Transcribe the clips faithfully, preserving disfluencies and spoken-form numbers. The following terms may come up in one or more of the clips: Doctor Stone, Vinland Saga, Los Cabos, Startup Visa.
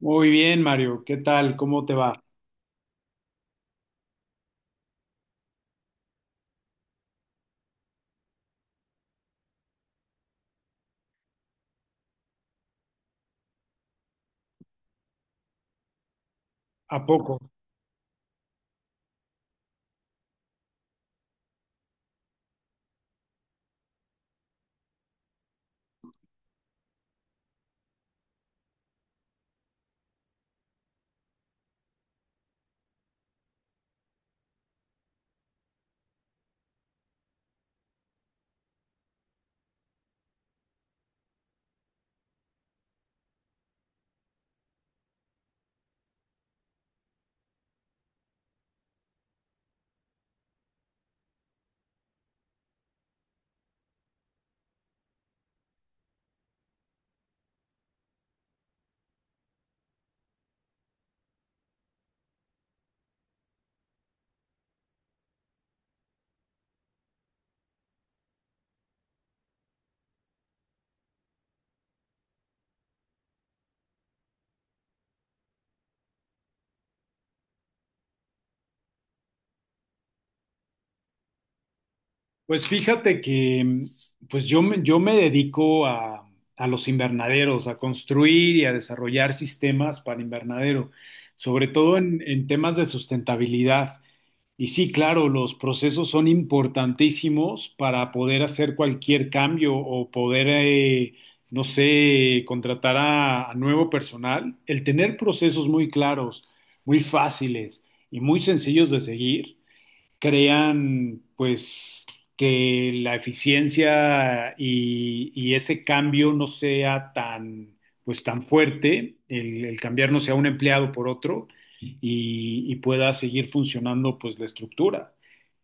Muy bien, Mario, ¿qué tal? ¿Cómo te va? ¿A poco? Pues fíjate que mm, pues yo, me- yo me dedico a, a los invernaderos, a construir y a desarrollar sistemas para invernadero, sobre todo en, en temas de sustentabilidad. Y sí, claro, los procesos son importantísimos para poder hacer cualquier cambio o poder, eh, no sé, contratar a, a nuevo personal. El tener procesos muy claros, muy fáciles y muy sencillos de seguir crean pues que la eficiencia y, y ese cambio no sea tan pues tan fuerte, el, el cambiar no sea un empleado por otro y, y pueda seguir funcionando pues la estructura.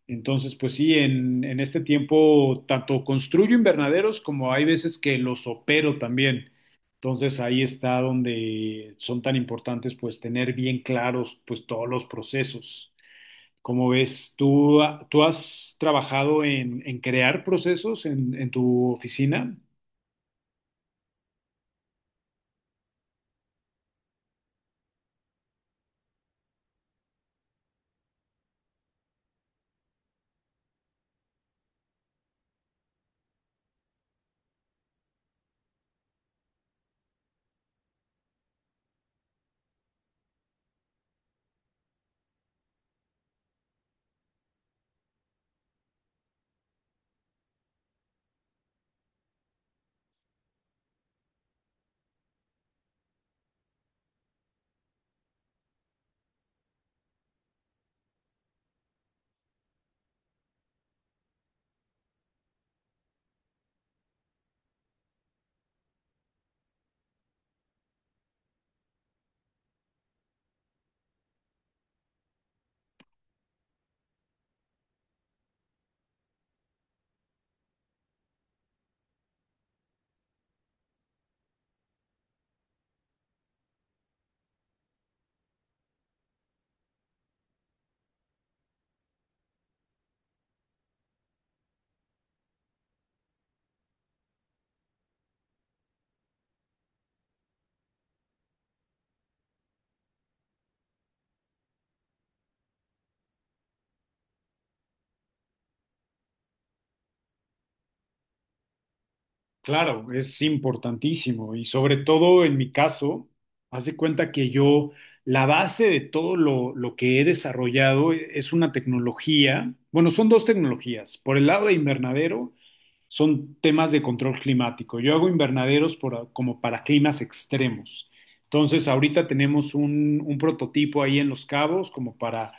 Entonces, pues sí, en, en este tiempo tanto construyo invernaderos como hay veces que los opero también. Entonces ahí está donde son tan importantes pues tener bien claros pues todos los procesos. ¿Cómo ves? ¿Tú, tú has trabajado en, en crear procesos en, en tu oficina? Claro, es importantísimo y sobre todo en mi caso, haz de cuenta que yo, la base de todo lo, lo que he desarrollado es una tecnología, bueno, son dos tecnologías. Por el lado de invernadero, son temas de control climático. Yo hago invernaderos por- como para climas extremos. Entonces, ahorita tenemos un, un prototipo ahí en Los Cabos como para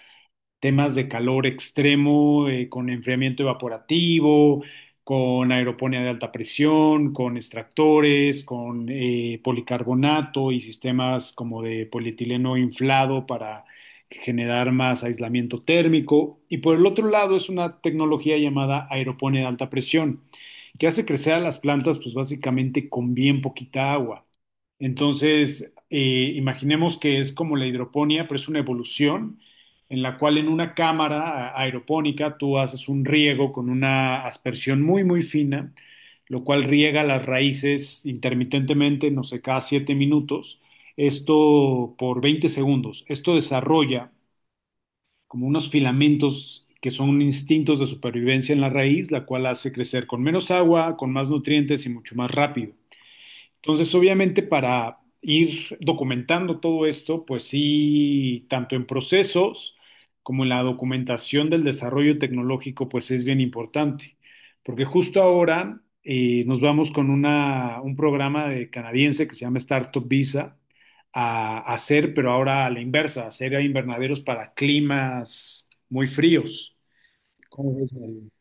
temas de calor extremo, eh, con enfriamiento evaporativo, con aeroponía de alta presión, con extractores, con eh, policarbonato y sistemas como de polietileno inflado para generar más aislamiento térmico. Y por el otro lado es una tecnología llamada aeroponía de alta presión, que hace crecer a las plantas pues básicamente con bien poquita agua. Entonces, eh, imaginemos que es como la hidroponía, pero es una evolución en la cual en una cámara aeropónica tú haces un riego con una aspersión muy, muy fina, lo cual riega las raíces intermitentemente, no sé, cada siete minutos, esto por veinte segundos. Esto desarrolla como unos filamentos que son instintos de supervivencia en la raíz, la cual hace crecer con menos agua, con más nutrientes y mucho más rápido. Entonces, obviamente, para ir documentando todo esto, pues sí, tanto en procesos como en la documentación del desarrollo tecnológico, pues es bien importante, porque justo ahora eh, nos vamos con una- un programa de canadiense que se llama Startup Visa a, a hacer, pero ahora a la inversa, a hacer invernaderos para climas muy fríos. ¿Cómo ves, Mario?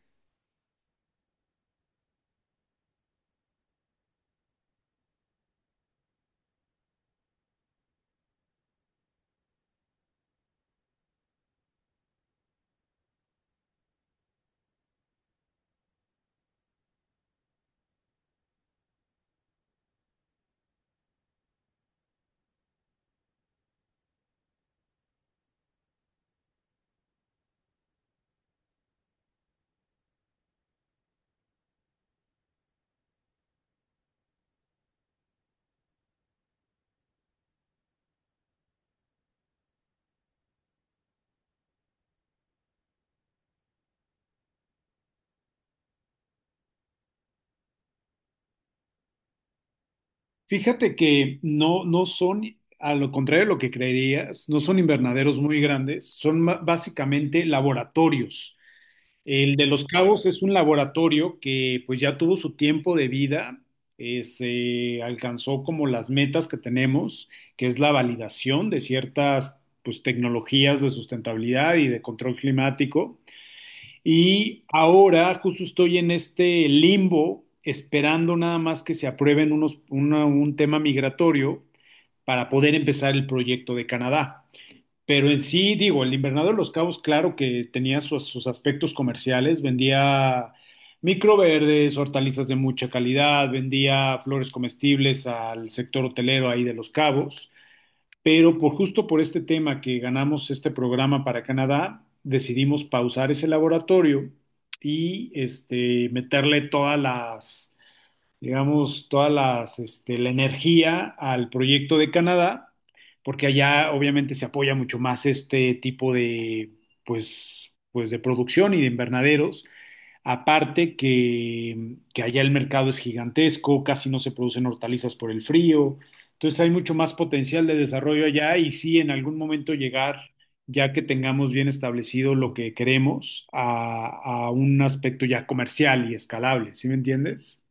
Fíjate que no, no son, a lo contrario de lo que creerías, no son invernaderos muy grandes, son ma- básicamente laboratorios. El de Los Cabos es un laboratorio que pues ya tuvo su tiempo de vida, eh, se alcanzó como las metas que tenemos, que es la validación de ciertas pues tecnologías de sustentabilidad y de control climático. Y ahora justo estoy en este limbo esperando nada más que se aprueben unos, una- un tema migratorio para poder empezar el proyecto de Canadá. Pero en sí, digo, el Invernadero de los Cabos, claro que tenía sus, sus aspectos comerciales, vendía microverdes, hortalizas de mucha calidad, vendía flores comestibles al sector hotelero ahí de los Cabos, pero por justo por este tema que ganamos este programa para Canadá, decidimos pausar ese laboratorio y este, meterle todas las digamos, toda las, este, la energía al proyecto de Canadá, porque allá obviamente se apoya mucho más este tipo de, pues, pues de producción y de invernaderos. Aparte que, que allá el mercado es gigantesco, casi no se producen hortalizas por el frío, entonces hay mucho más potencial de desarrollo allá y sí, en algún momento llegar, ya que tengamos bien establecido lo que queremos, a, a un aspecto ya comercial y escalable, ¿sí me entiendes?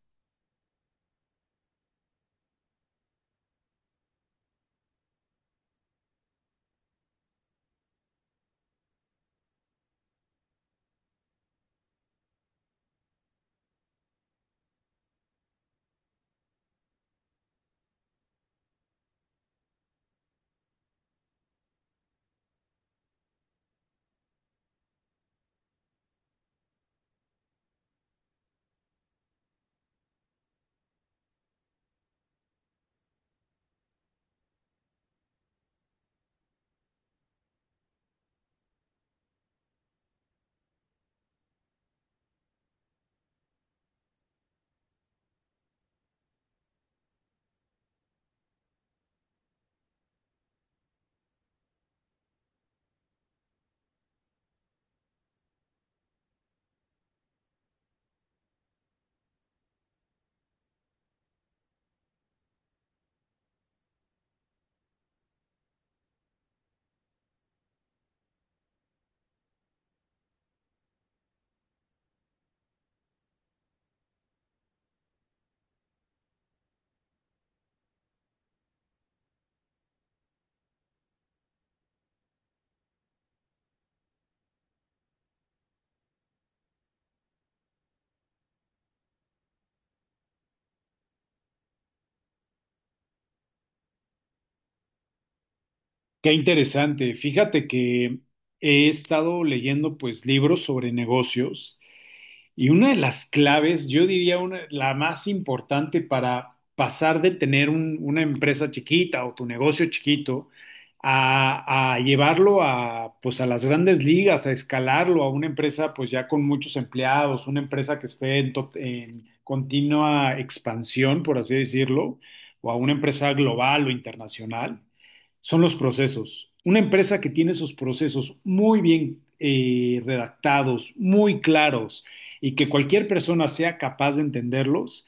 Qué interesante. Fíjate que he estado leyendo pues libros sobre negocios y una de las claves, yo diría una, la más importante para pasar de tener un- una empresa chiquita o tu negocio chiquito a, a llevarlo a, pues a las grandes ligas, a escalarlo a una empresa pues ya con muchos empleados, una empresa que esté en, to- en continua expansión, por así decirlo, o a una empresa global o internacional son los procesos. Una empresa que tiene sus procesos muy bien eh, redactados, muy claros, y que cualquier persona sea capaz de entenderlos,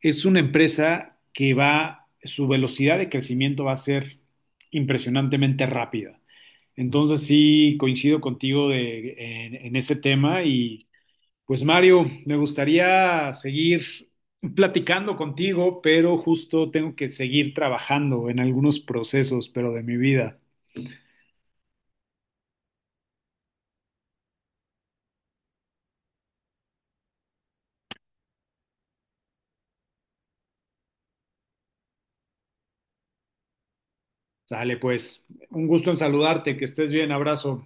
es una empresa que va, su velocidad de crecimiento va a ser impresionantemente rápida. Entonces sí, coincido contigo de- en, en ese tema y pues Mario, me gustaría seguir platicando contigo, pero justo tengo que seguir trabajando en algunos procesos, pero de mi vida. Sale pues, un gusto en saludarte, que estés bien, abrazo.